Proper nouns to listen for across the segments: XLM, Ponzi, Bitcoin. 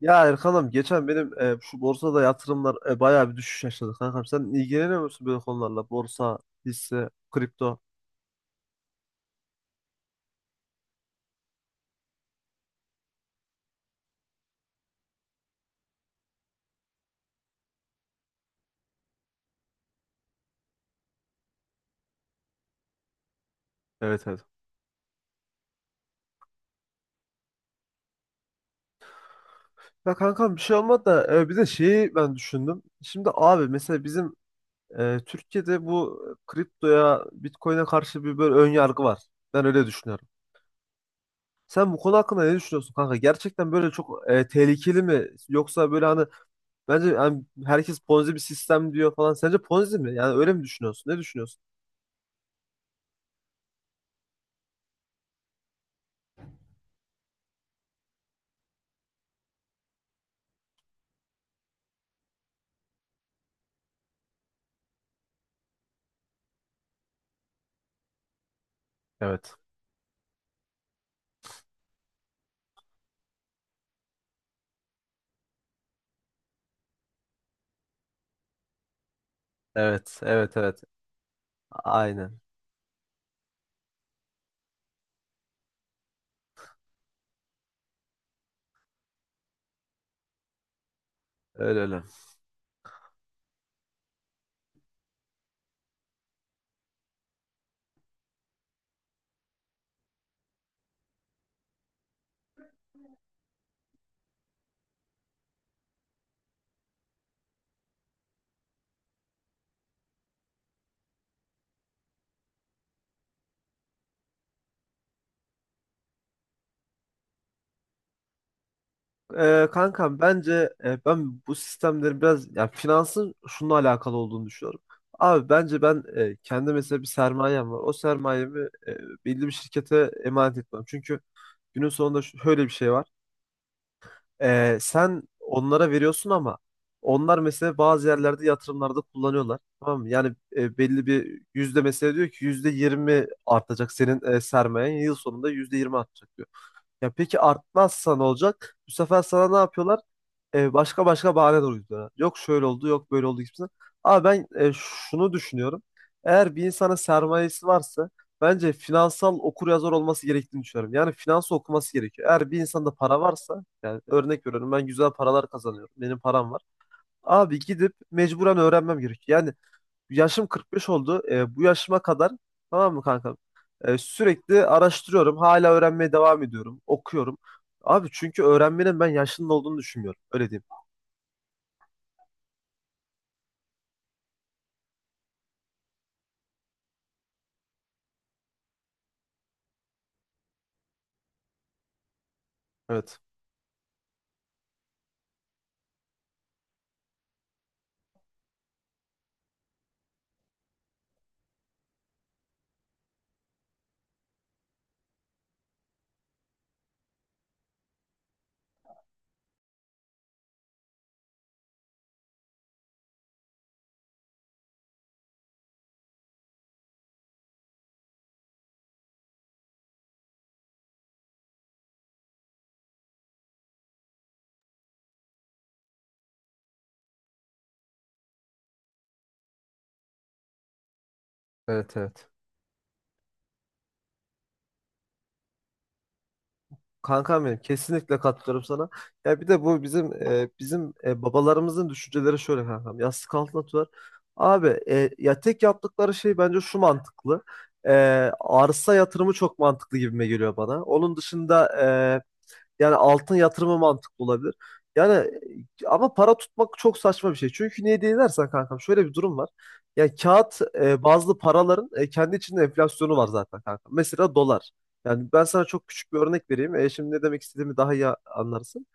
Ya Erkan'ım geçen benim şu borsada yatırımlar bayağı bir düşüş yaşadı kankam. Sen ilgileniyor musun böyle konularla? Borsa, hisse, kripto. Evet, evet. Ya kankam bir şey olmadı da bir de şeyi ben düşündüm. Şimdi abi mesela bizim Türkiye'de bu kriptoya, Bitcoin'e karşı bir böyle ön yargı var. Ben öyle düşünüyorum. Sen bu konu hakkında ne düşünüyorsun kanka? Gerçekten böyle çok tehlikeli mi? Yoksa böyle hani bence hani herkes Ponzi bir sistem diyor falan. Sence Ponzi mi? Yani öyle mi düşünüyorsun? Ne düşünüyorsun? Evet. Evet, evet, evet. Aynen. Öyle öyle. Kankam bence ben bu sistemleri biraz ya finansın şununla alakalı olduğunu düşünüyorum. Abi bence ben kendi mesela bir sermayem var. O sermayemi belli bir şirkete emanet etmem. Çünkü günün sonunda şöyle bir şey var. Sen onlara veriyorsun ama onlar mesela bazı yerlerde yatırımlarda kullanıyorlar. Tamam mı? Yani belli bir yüzde mesela diyor ki %20 artacak senin sermayen yıl sonunda %20 artacak diyor. Ya peki artmazsa ne olacak? Bu sefer sana ne yapıyorlar? Başka başka bahane de uyduruyorlar. Yok şöyle oldu, yok böyle oldu gibisinden. Ama ben şunu düşünüyorum. Eğer bir insana sermayesi varsa bence finansal okuryazar olması gerektiğini düşünüyorum. Yani finans okuması gerekiyor. Eğer bir insanda para varsa, yani örnek veriyorum ben güzel paralar kazanıyorum. Benim param var. Abi gidip mecburen öğrenmem gerekiyor. Yani yaşım 45 oldu. Bu yaşıma kadar tamam mı kankam? Sürekli araştırıyorum. Hala öğrenmeye devam ediyorum. Okuyorum. Abi çünkü öğrenmenin ben yaşının olduğunu düşünmüyorum. Öyle diyeyim. Evet. Evet, evet. Kankam benim kesinlikle katılıyorum sana. Ya bir de bu bizim babalarımızın düşünceleri şöyle kankam. Yastık altına atıyorlar. Abi ya tek yaptıkları şey bence şu mantıklı. E, Arsa yatırımı çok mantıklı gibime geliyor bana. Onun dışında yani altın yatırımı mantıklı olabilir. Yani ama para tutmak çok saçma bir şey. Çünkü niye diye dersen kankam şöyle bir durum var. Yani kağıt bazlı paraların kendi içinde enflasyonu var zaten kankam. Mesela dolar. Yani ben sana çok küçük bir örnek vereyim. Şimdi ne demek istediğimi daha iyi anlarsın.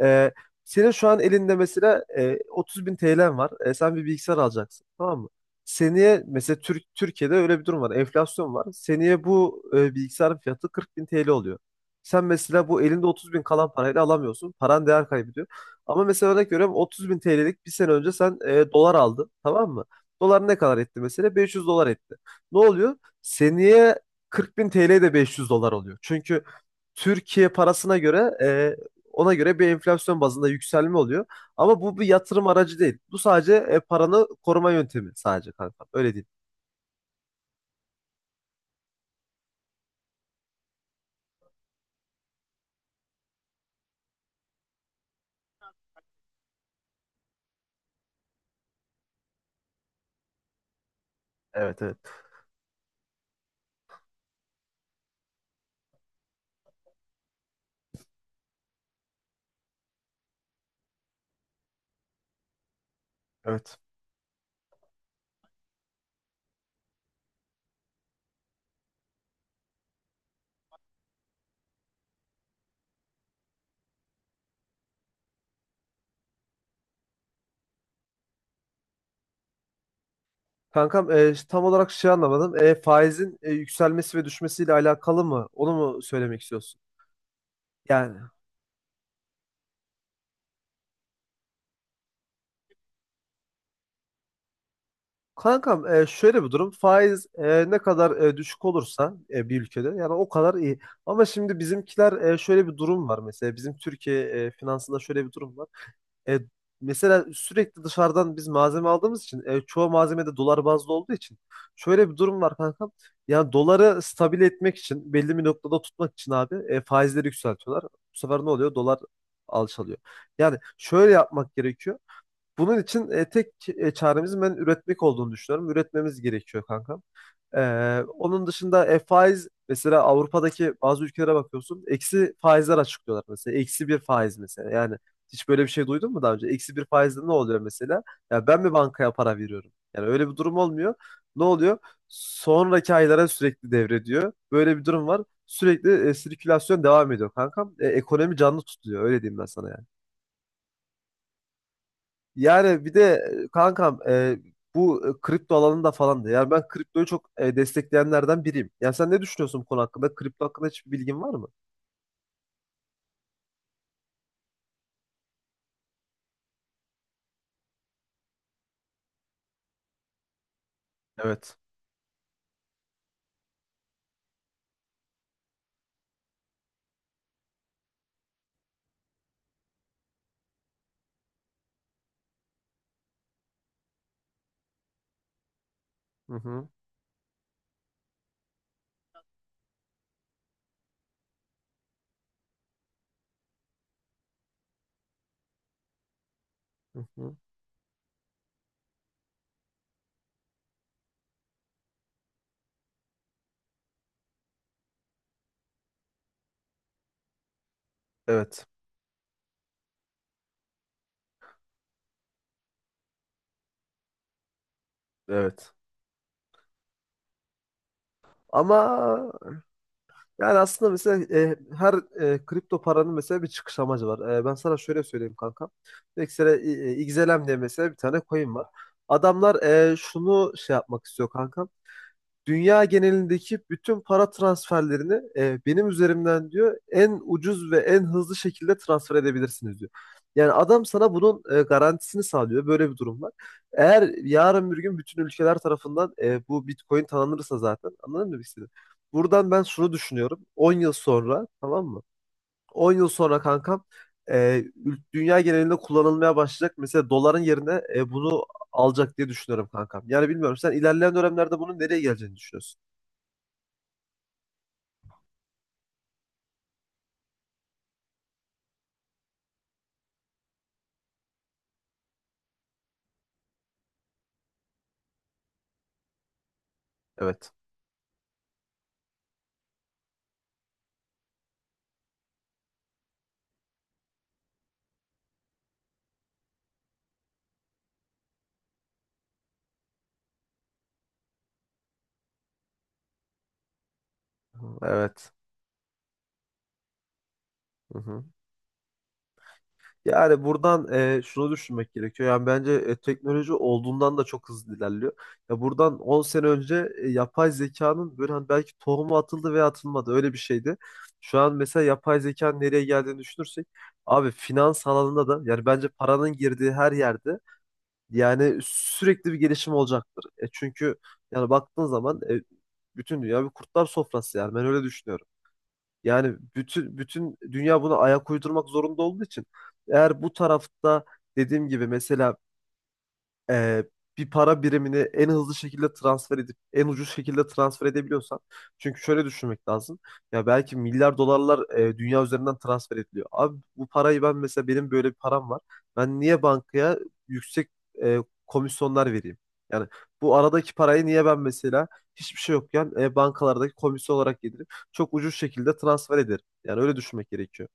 E, Senin şu an elinde mesela 30 bin TL'n var. Sen bir bilgisayar alacaksın. Tamam mı? Seneye mesela Türkiye'de öyle bir durum var. Enflasyon var. Seneye bu bilgisayarın fiyatı 40 bin TL oluyor. Sen mesela bu elinde 30 bin kalan parayla alamıyorsun. Paran değer kaybediyor. Ama mesela örnek veriyorum 30 bin TL'lik bir sene önce sen dolar aldın. Tamam mı? Dolar ne kadar etti mesela? 500 dolar etti. Ne oluyor? Seneye 40 bin TL de 500 dolar oluyor. Çünkü Türkiye parasına göre ona göre bir enflasyon bazında yükselme oluyor. Ama bu bir yatırım aracı değil. Bu sadece paranı koruma yöntemi sadece kankam. Öyle değil. Evet, evet. Evet. Kankam tam olarak şey anlamadım. Faizin yükselmesi ve düşmesiyle alakalı mı? Onu mu söylemek istiyorsun? Yani kankam şöyle bir durum. Faiz ne kadar düşük olursa bir ülkede yani o kadar iyi. Ama şimdi bizimkiler şöyle bir durum var mesela. Bizim Türkiye finansında şöyle bir durum var. E, Mesela sürekli dışarıdan biz malzeme aldığımız için çoğu malzeme de dolar bazlı olduğu için şöyle bir durum var kankam. Yani doları stabil etmek için belli bir noktada tutmak için abi faizleri yükseltiyorlar. Bu sefer ne oluyor? Dolar alçalıyor. Yani şöyle yapmak gerekiyor. Bunun için tek çaremizin ben üretmek olduğunu düşünüyorum. Üretmemiz gerekiyor kankam. Onun dışında faiz mesela Avrupa'daki bazı ülkelere bakıyorsun, eksi faizler açıklıyorlar. Mesela eksi bir faiz mesela. Yani hiç böyle bir şey duydun mu daha önce? Eksi bir faizde ne oluyor mesela? Ya ben mi bankaya para veriyorum? Yani öyle bir durum olmuyor. Ne oluyor? Sonraki aylara sürekli devrediyor. Böyle bir durum var. Sürekli sirkülasyon devam ediyor kankam. Ekonomi canlı tutuluyor. Öyle diyeyim ben sana yani. Yani bir de kankam bu kripto alanında falan da. Yani ben kriptoyu çok destekleyenlerden biriyim. Yani sen ne düşünüyorsun bu konu hakkında? Kripto hakkında hiçbir bilgin var mı? Evet. Hı hı. Hı hı. Evet. Evet. Ama yani aslında mesela her kripto paranın mesela bir çıkış amacı var. Ben sana şöyle söyleyeyim kanka. Mesela XLM diye mesela bir tane coin var. Adamlar şunu şey yapmak istiyor kanka. Dünya genelindeki bütün para transferlerini benim üzerimden diyor en ucuz ve en hızlı şekilde transfer edebilirsiniz diyor. Yani adam sana bunun garantisini sağlıyor. Böyle bir durum var. Eğer yarın bir gün bütün ülkeler tarafından bu Bitcoin tanınırsa zaten anladın mı birisini? Buradan ben şunu düşünüyorum. 10 yıl sonra tamam mı? 10 yıl sonra kankam e, dünya genelinde kullanılmaya başlayacak. Mesela doların yerine bunu alacak diye düşünüyorum kankam. Yani bilmiyorum sen ilerleyen dönemlerde bunun nereye geleceğini düşünüyorsun? Evet. Evet. Hı hı. Yani buradan şunu düşünmek gerekiyor. Yani bence teknoloji olduğundan da çok hızlı ilerliyor. Ya buradan 10 sene önce yapay zekanın böyle hani belki tohumu atıldı veya atılmadı öyle bir şeydi. Şu an mesela yapay zekanın nereye geldiğini düşünürsek abi finans alanında da yani bence paranın girdiği her yerde yani sürekli bir gelişim olacaktır. Çünkü yani baktığın zaman bütün dünya bir kurtlar sofrası yani ben öyle düşünüyorum. Yani bütün dünya buna ayak uydurmak zorunda olduğu için eğer bu tarafta dediğim gibi mesela e, bir para birimini en hızlı şekilde transfer edip en ucuz şekilde transfer edebiliyorsan çünkü şöyle düşünmek lazım. Ya belki milyar dolarlar dünya üzerinden transfer ediliyor. Abi bu parayı ben mesela benim böyle bir param var. Ben niye bankaya yüksek e, komisyonlar vereyim? Yani bu aradaki parayı niye ben mesela hiçbir şey yokken bankalardaki komisyon olarak yedirip çok ucuz şekilde transfer ederim. Yani öyle düşünmek gerekiyor.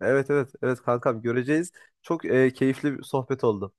Evet, evet, evet kankam göreceğiz. Çok keyifli bir sohbet oldu.